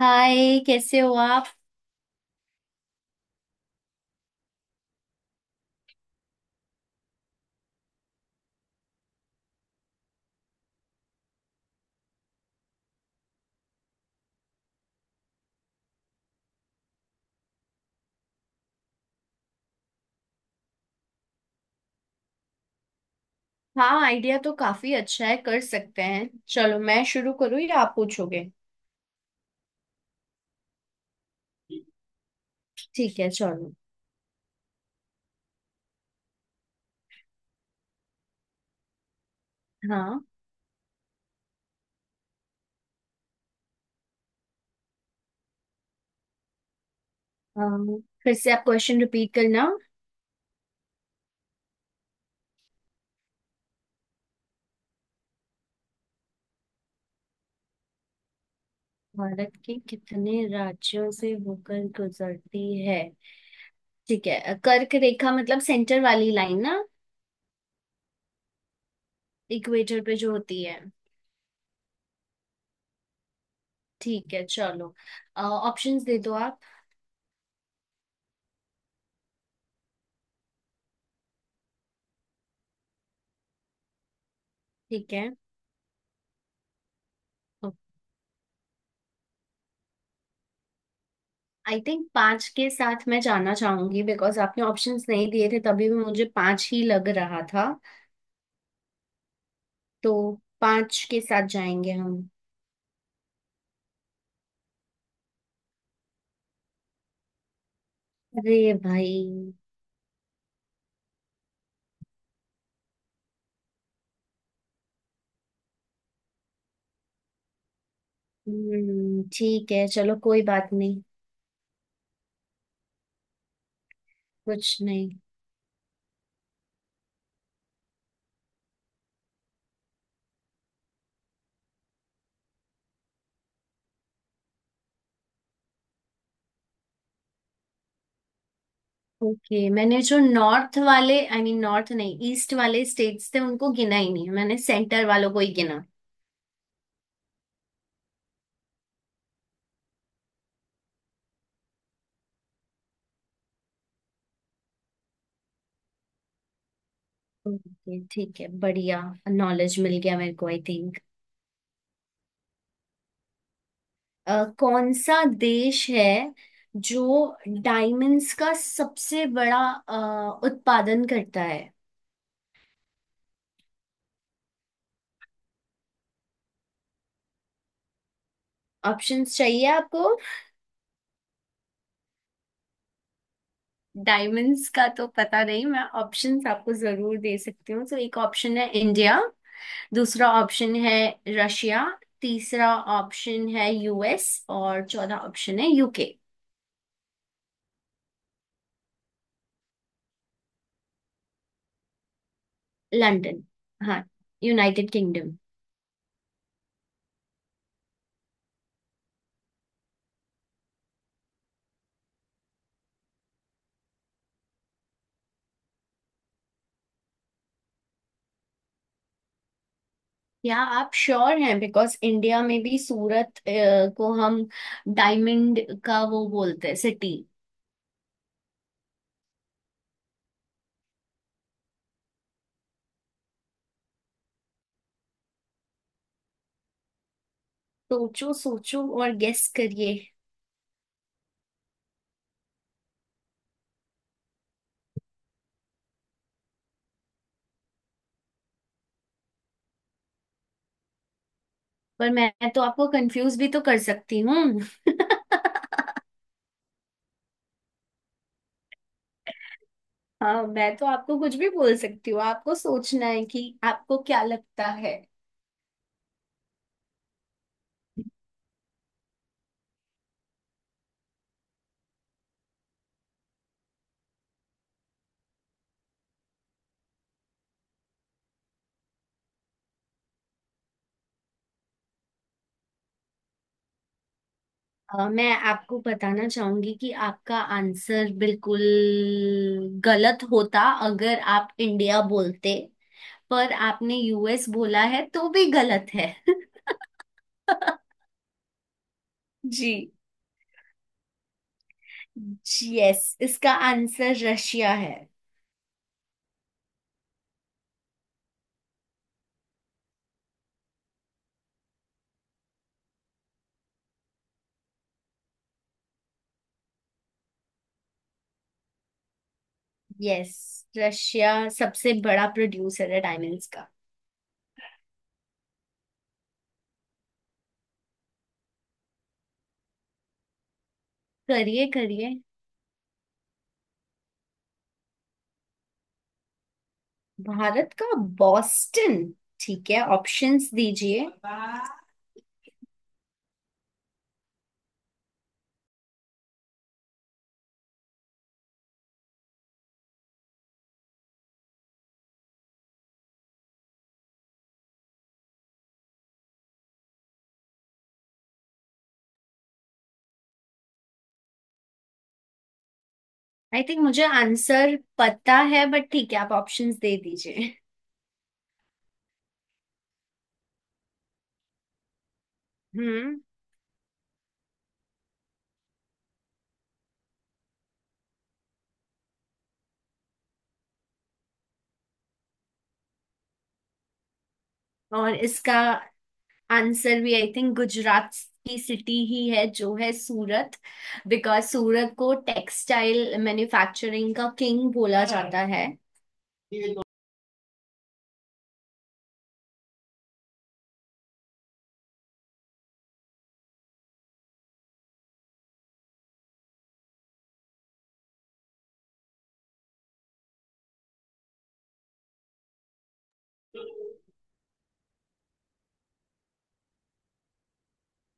हाय, कैसे हो आप। हाँ, आइडिया तो काफी अच्छा है। कर सकते हैं। चलो, मैं शुरू करूँ या आप पूछोगे। ठीक है, चलो। हाँ। फिर से आप क्वेश्चन रिपीट करना। भारत के कितने राज्यों से होकर गुजरती है। ठीक है, कर्क रेखा मतलब सेंटर वाली लाइन ना। इक्वेटर पे जो होती है। ठीक है, चलो। ऑप्शंस दे दो आप। ठीक है। आई थिंक पांच के साथ मैं जाना चाहूंगी, बिकॉज आपने ऑप्शंस नहीं दिए थे तभी भी मुझे पांच ही लग रहा था। तो पांच के साथ जाएंगे हम। अरे भाई। हम्म, ठीक है, चलो, कोई बात नहीं। कुछ नहीं। ओके, मैंने जो नॉर्थ वाले, आई मीन नॉर्थ नहीं, ईस्ट वाले स्टेट्स थे उनको गिना ही नहीं, मैंने सेंटर वालों को ही गिना। ओके, ठीक है, बढ़िया। नॉलेज मिल गया मेरे को आई थिंक। कौन सा देश है जो डायमंड्स का सबसे बड़ा उत्पादन करता है। ऑप्शंस चाहिए आपको। डायमंड्स का तो पता नहीं, मैं ऑप्शंस आपको जरूर दे सकती हूँ। तो एक ऑप्शन है इंडिया, दूसरा ऑप्शन है रशिया, तीसरा ऑप्शन है यूएस, और चौथा ऑप्शन है यूके। लंदन। हाँ, यूनाइटेड किंगडम। या आप श्योर हैं, बिकॉज इंडिया में भी सूरत को हम डायमंड का वो बोलते हैं सिटी। सोचो सोचो और गेस करिए। पर मैं तो आपको कंफ्यूज भी तो कर सकती हूँ। हाँ, मैं तो आपको कुछ भी बोल सकती हूँ, आपको सोचना है कि आपको क्या लगता है। मैं आपको बताना चाहूंगी कि आपका आंसर बिल्कुल गलत होता अगर आप इंडिया बोलते। पर आपने यूएस बोला है, तो भी गलत है। जी। यस, इसका आंसर रशिया है। यस, रशिया सबसे बड़ा प्रोड्यूसर है डायमंड्स का। करिए करिए। भारत का बॉस्टन। ठीक है, ऑप्शंस दीजिए। आई थिंक मुझे आंसर पता है, बट ठीक है, आप ऑप्शंस दे दीजिए। हम्म। और इसका आंसर भी आई थिंक गुजरात की सिटी ही है, जो है सूरत। बिकॉज सूरत को टेक्सटाइल मैन्युफैक्चरिंग का किंग बोला जाता है।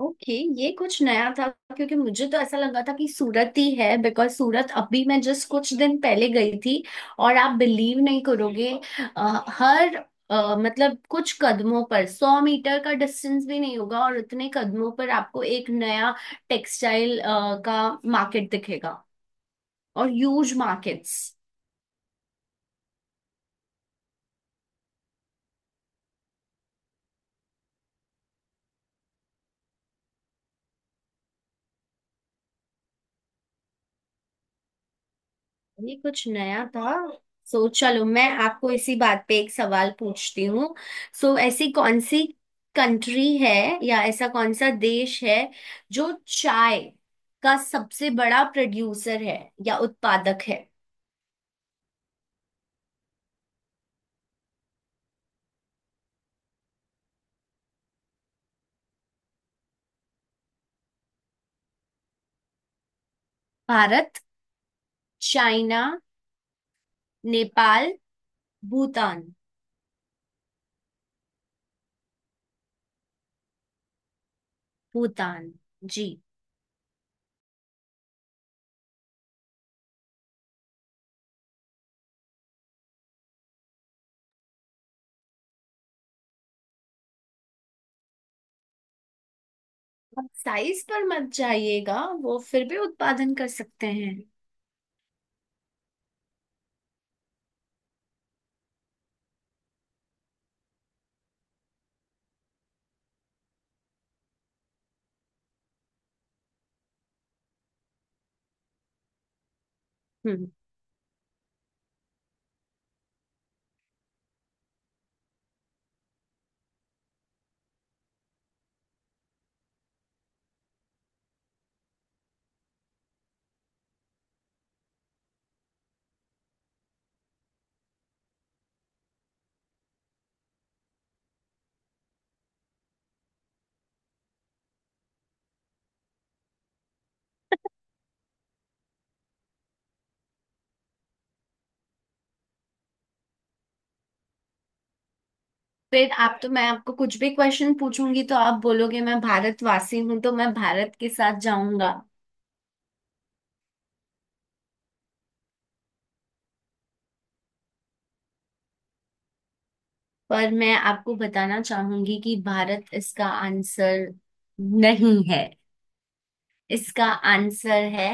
ओके। ये कुछ नया था, क्योंकि मुझे तो ऐसा लगा था कि सूरत ही है, बिकॉज सूरत अभी मैं जस्ट कुछ दिन पहले गई थी। और आप बिलीव नहीं करोगे, अ, हर मतलब कुछ कदमों पर 100 मीटर का डिस्टेंस भी नहीं होगा, और उतने कदमों पर आपको एक नया टेक्सटाइल का मार्केट दिखेगा। और ह्यूज मार्केट्स। ये कुछ नया था। सो चलो, मैं आपको इसी बात पे एक सवाल पूछती हूँ। सो ऐसी कौन सी कंट्री है, या ऐसा कौन सा देश है जो चाय का सबसे बड़ा प्रोड्यूसर है या उत्पादक है। भारत, चाइना, नेपाल, भूटान। भूटान जी। साइज पर मत जाइएगा, वो फिर भी उत्पादन कर सकते हैं। हम्म। फिर आप तो मैं आपको कुछ भी क्वेश्चन पूछूंगी तो आप बोलोगे मैं भारतवासी हूं तो मैं भारत के साथ जाऊंगा। पर मैं आपको बताना चाहूंगी कि भारत इसका आंसर नहीं है। इसका आंसर है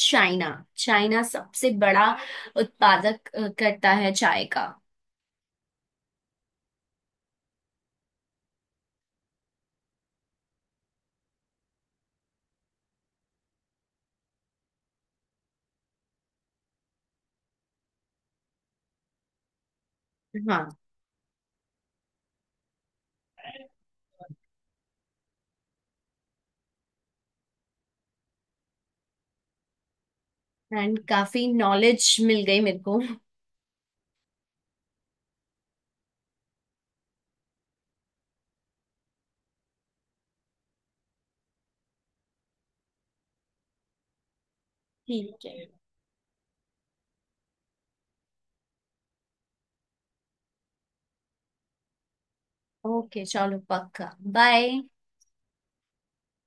चाइना। चाइना सबसे बड़ा उत्पादक करता है चाय का। हाँ। एंड काफी नॉलेज मिल गई मेरे को। ठीक है। ओके, चलो, पक्का, बाय।